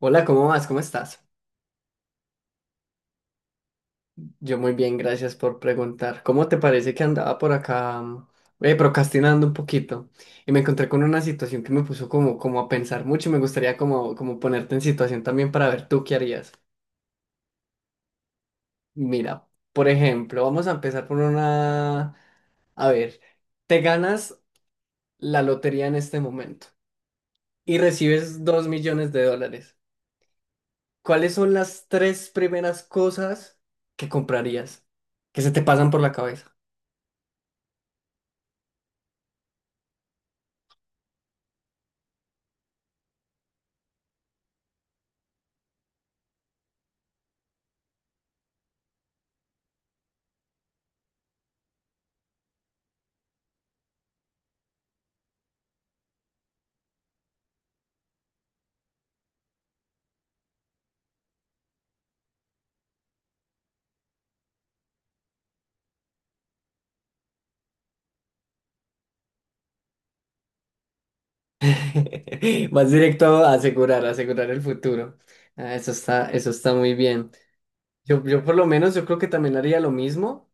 Hola, ¿cómo vas? ¿Cómo estás? Yo muy bien, gracias por preguntar. ¿Cómo te parece que andaba por acá procrastinando un poquito? Y me encontré con una situación que me puso como a pensar mucho y me gustaría como ponerte en situación también para ver tú qué harías. Mira, por ejemplo, vamos a empezar por una. A ver, te ganas la lotería en este momento y recibes 2 millones de dólares. ¿Cuáles son las tres primeras cosas que comprarías? Que se te pasan por la cabeza? Más directo a asegurar el futuro. Ah, eso está muy bien. Yo por lo menos, yo creo que también haría lo mismo.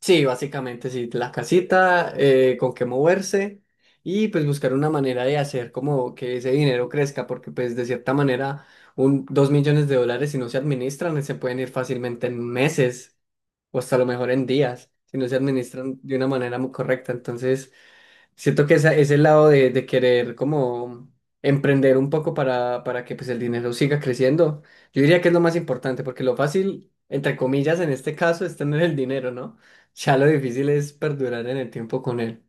Sí, básicamente, sí, la casita, con qué moverse y pues buscar una manera de hacer como que ese dinero crezca, porque pues de cierta manera, dos millones de dólares si no se administran, se pueden ir fácilmente en meses o hasta a lo mejor en días, si no se administran de una manera muy correcta. Entonces. Siento que ese lado de querer como emprender un poco para que pues el dinero siga creciendo, yo diría que es lo más importante, porque lo fácil, entre comillas, en este caso es tener el dinero, ¿no? Ya lo difícil es perdurar en el tiempo con él.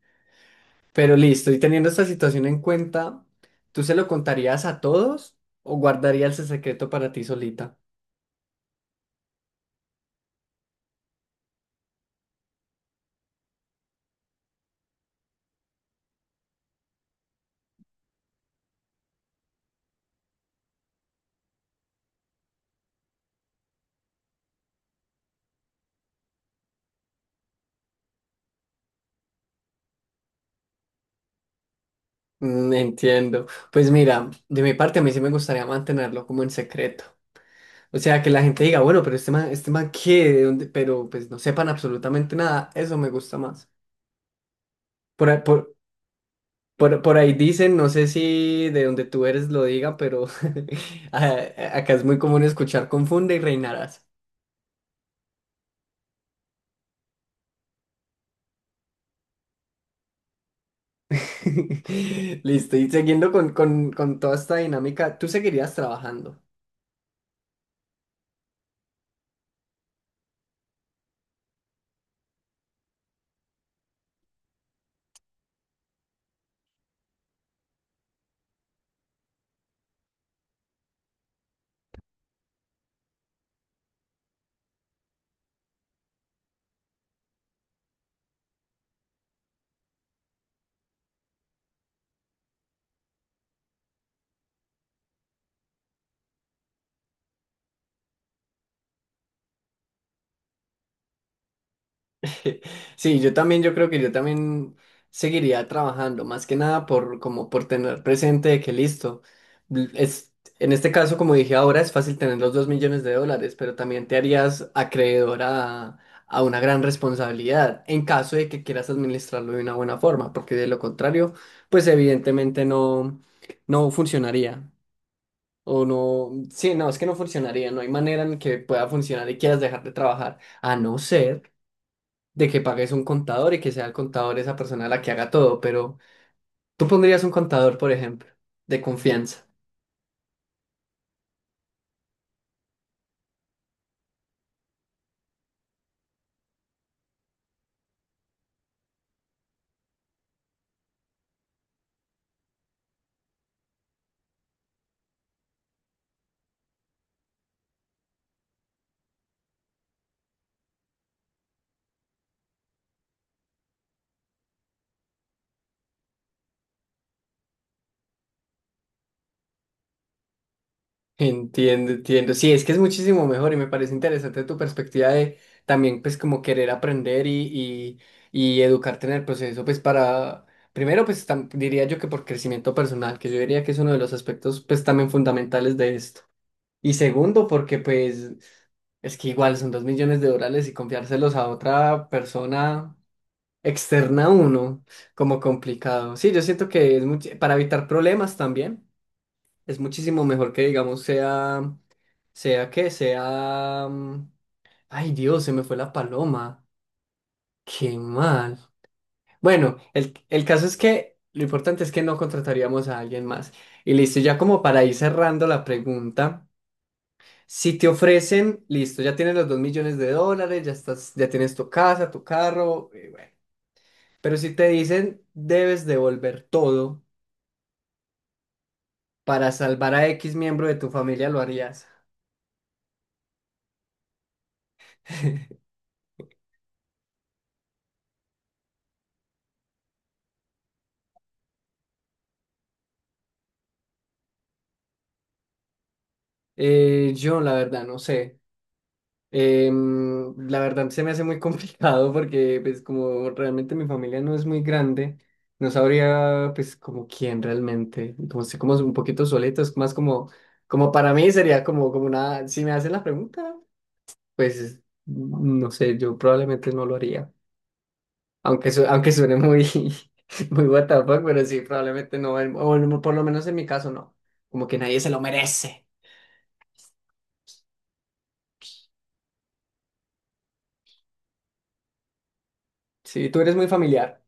Pero listo, y teniendo esta situación en cuenta, ¿tú se lo contarías a todos o guardarías el secreto para ti solita? Entiendo. Pues mira, de mi parte a mí sí me gustaría mantenerlo como en secreto. O sea, que la gente diga, bueno, pero este man qué, de dónde, pero pues no sepan absolutamente nada, eso me gusta más. Por, ahí- por, por ahí dicen, no sé si de donde tú eres lo diga, pero acá es muy común escuchar confunde y reinarás. Listo, y siguiendo con toda esta dinámica, ¿tú seguirías trabajando? Sí, yo también, yo creo que yo también seguiría trabajando, más que nada por como por tener presente de que listo, es, en este caso, como dije ahora, es fácil tener los 2 millones de dólares, pero también te harías acreedor a una gran responsabilidad en caso de que quieras administrarlo de una buena forma, porque de lo contrario, pues evidentemente no, no funcionaría. O no, sí, no, es que no funcionaría, no hay manera en que pueda funcionar y quieras dejar de trabajar, a no ser de que pagues un contador y que sea el contador esa persona la que haga todo, pero tú pondrías un contador, por ejemplo, de confianza. Entiendo, entiendo. Sí, es que es muchísimo mejor y me parece interesante tu perspectiva de también, pues, como querer aprender y educarte en el proceso, pues, para, primero, pues, diría yo que por crecimiento personal, que yo diría que es uno de los aspectos, pues, también fundamentales de esto. Y segundo, porque, pues, es que igual son 2 millones de dólares y confiárselos a otra persona. Externa uno, como complicado. Sí, yo siento que es para evitar problemas también, es muchísimo mejor que digamos sea, que sea... Ay Dios, se me fue la paloma. Qué mal. Bueno, el caso es que lo importante es que no contrataríamos a alguien más. Y listo, ya como para ir cerrando la pregunta, si te ofrecen, listo, ya tienes los 2 millones de dólares, ya estás, ya tienes tu casa, tu carro, pero si te dicen debes devolver todo. ¿Para salvar a X miembro de tu familia lo harías? Yo la verdad no sé. La verdad se me hace muy complicado porque pues como realmente mi familia no es muy grande, no sabría pues como quién realmente, como sé como un poquito solito, es más como, como para mí sería como, como una, si me hacen la pregunta, pues no sé, yo probablemente no lo haría. Aunque, aunque suene muy, muy what the fuck, pero sí, probablemente no, en- o no- por lo menos en mi caso no, como que nadie se lo merece. Sí, tú eres muy familiar,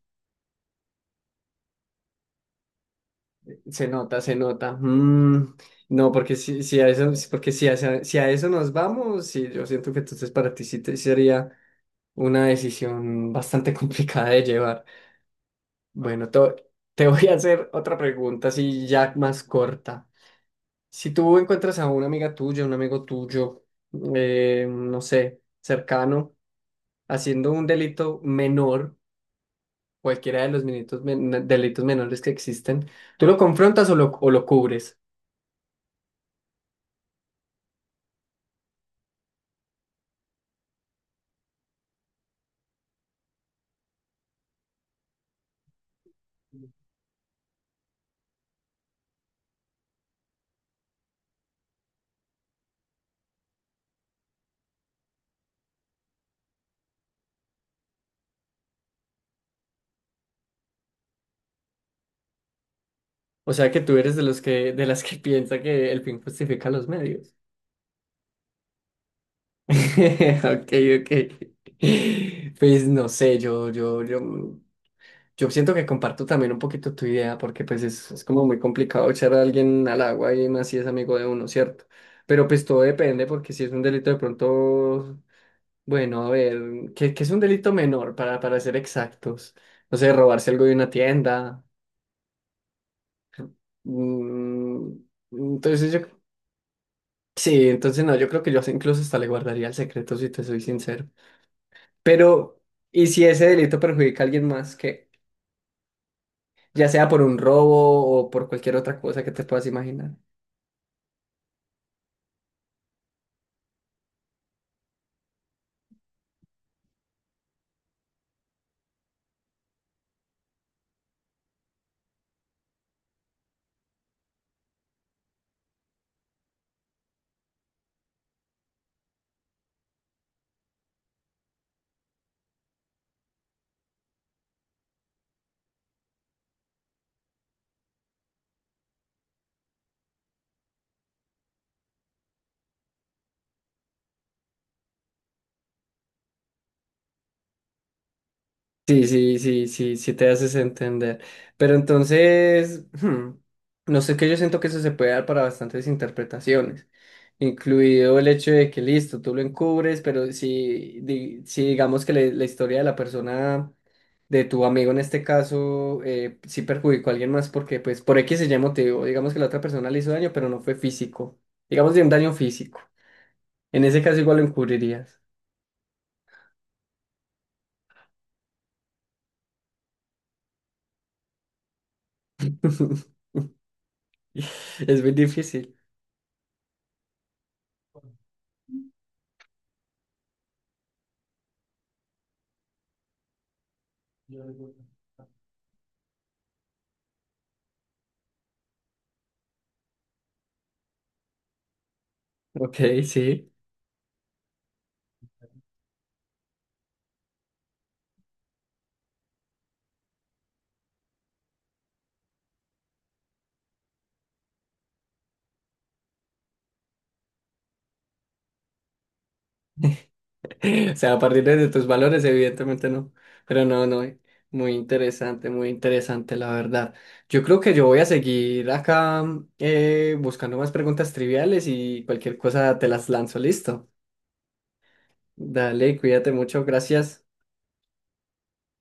se nota, se nota. No, porque si a eso nos vamos, sí, yo siento que entonces para ti sí sería una decisión bastante complicada de llevar. Bueno, te voy a hacer otra pregunta, así ya más corta. Si tú encuentras a una amiga tuya, un amigo tuyo, no sé, cercano, haciendo un delito menor, cualquiera de los delitos menores que existen, ¿tú lo confrontas o lo cubres? O sea que tú eres de los que, de las que piensa que el fin justifica los medios. Ok, ok. Pues no sé, yo, yo, yo. Yo siento que comparto también un poquito tu idea, porque pues es como muy complicado echar a alguien al agua y más si es amigo de uno, ¿cierto? Pero pues todo depende, porque si es un delito de pronto, bueno, a ver, ¿qué, qué es un delito menor para ser exactos? No sé, robarse algo de una tienda. mm, entonces yo, sí, entonces no, yo creo que yo incluso hasta le guardaría el secreto, si te soy sincero. Pero, ¿y si ese delito perjudica a alguien más? Que ya sea por un robo o por cualquier otra cosa que te puedas imaginar. Sí, sí, sí, sí, sí te haces entender. Pero entonces, no sé, que yo siento que eso se puede dar para bastantes interpretaciones, incluido el hecho de que listo, tú lo encubres, pero si, si digamos que la historia de la persona, de tu amigo en este caso, sí perjudicó a alguien más porque pues por X se Y motivo, digamos que la otra persona le hizo daño, pero no fue físico, digamos de un daño físico. En ese caso igual lo encubrirías. Es muy difícil. Ok, sí. O sea, a partir de tus valores, evidentemente no. Pero no, no. Muy interesante, la verdad. Yo creo que yo voy a seguir acá buscando más preguntas triviales y cualquier cosa te las lanzo. Listo. Dale, cuídate mucho. Gracias.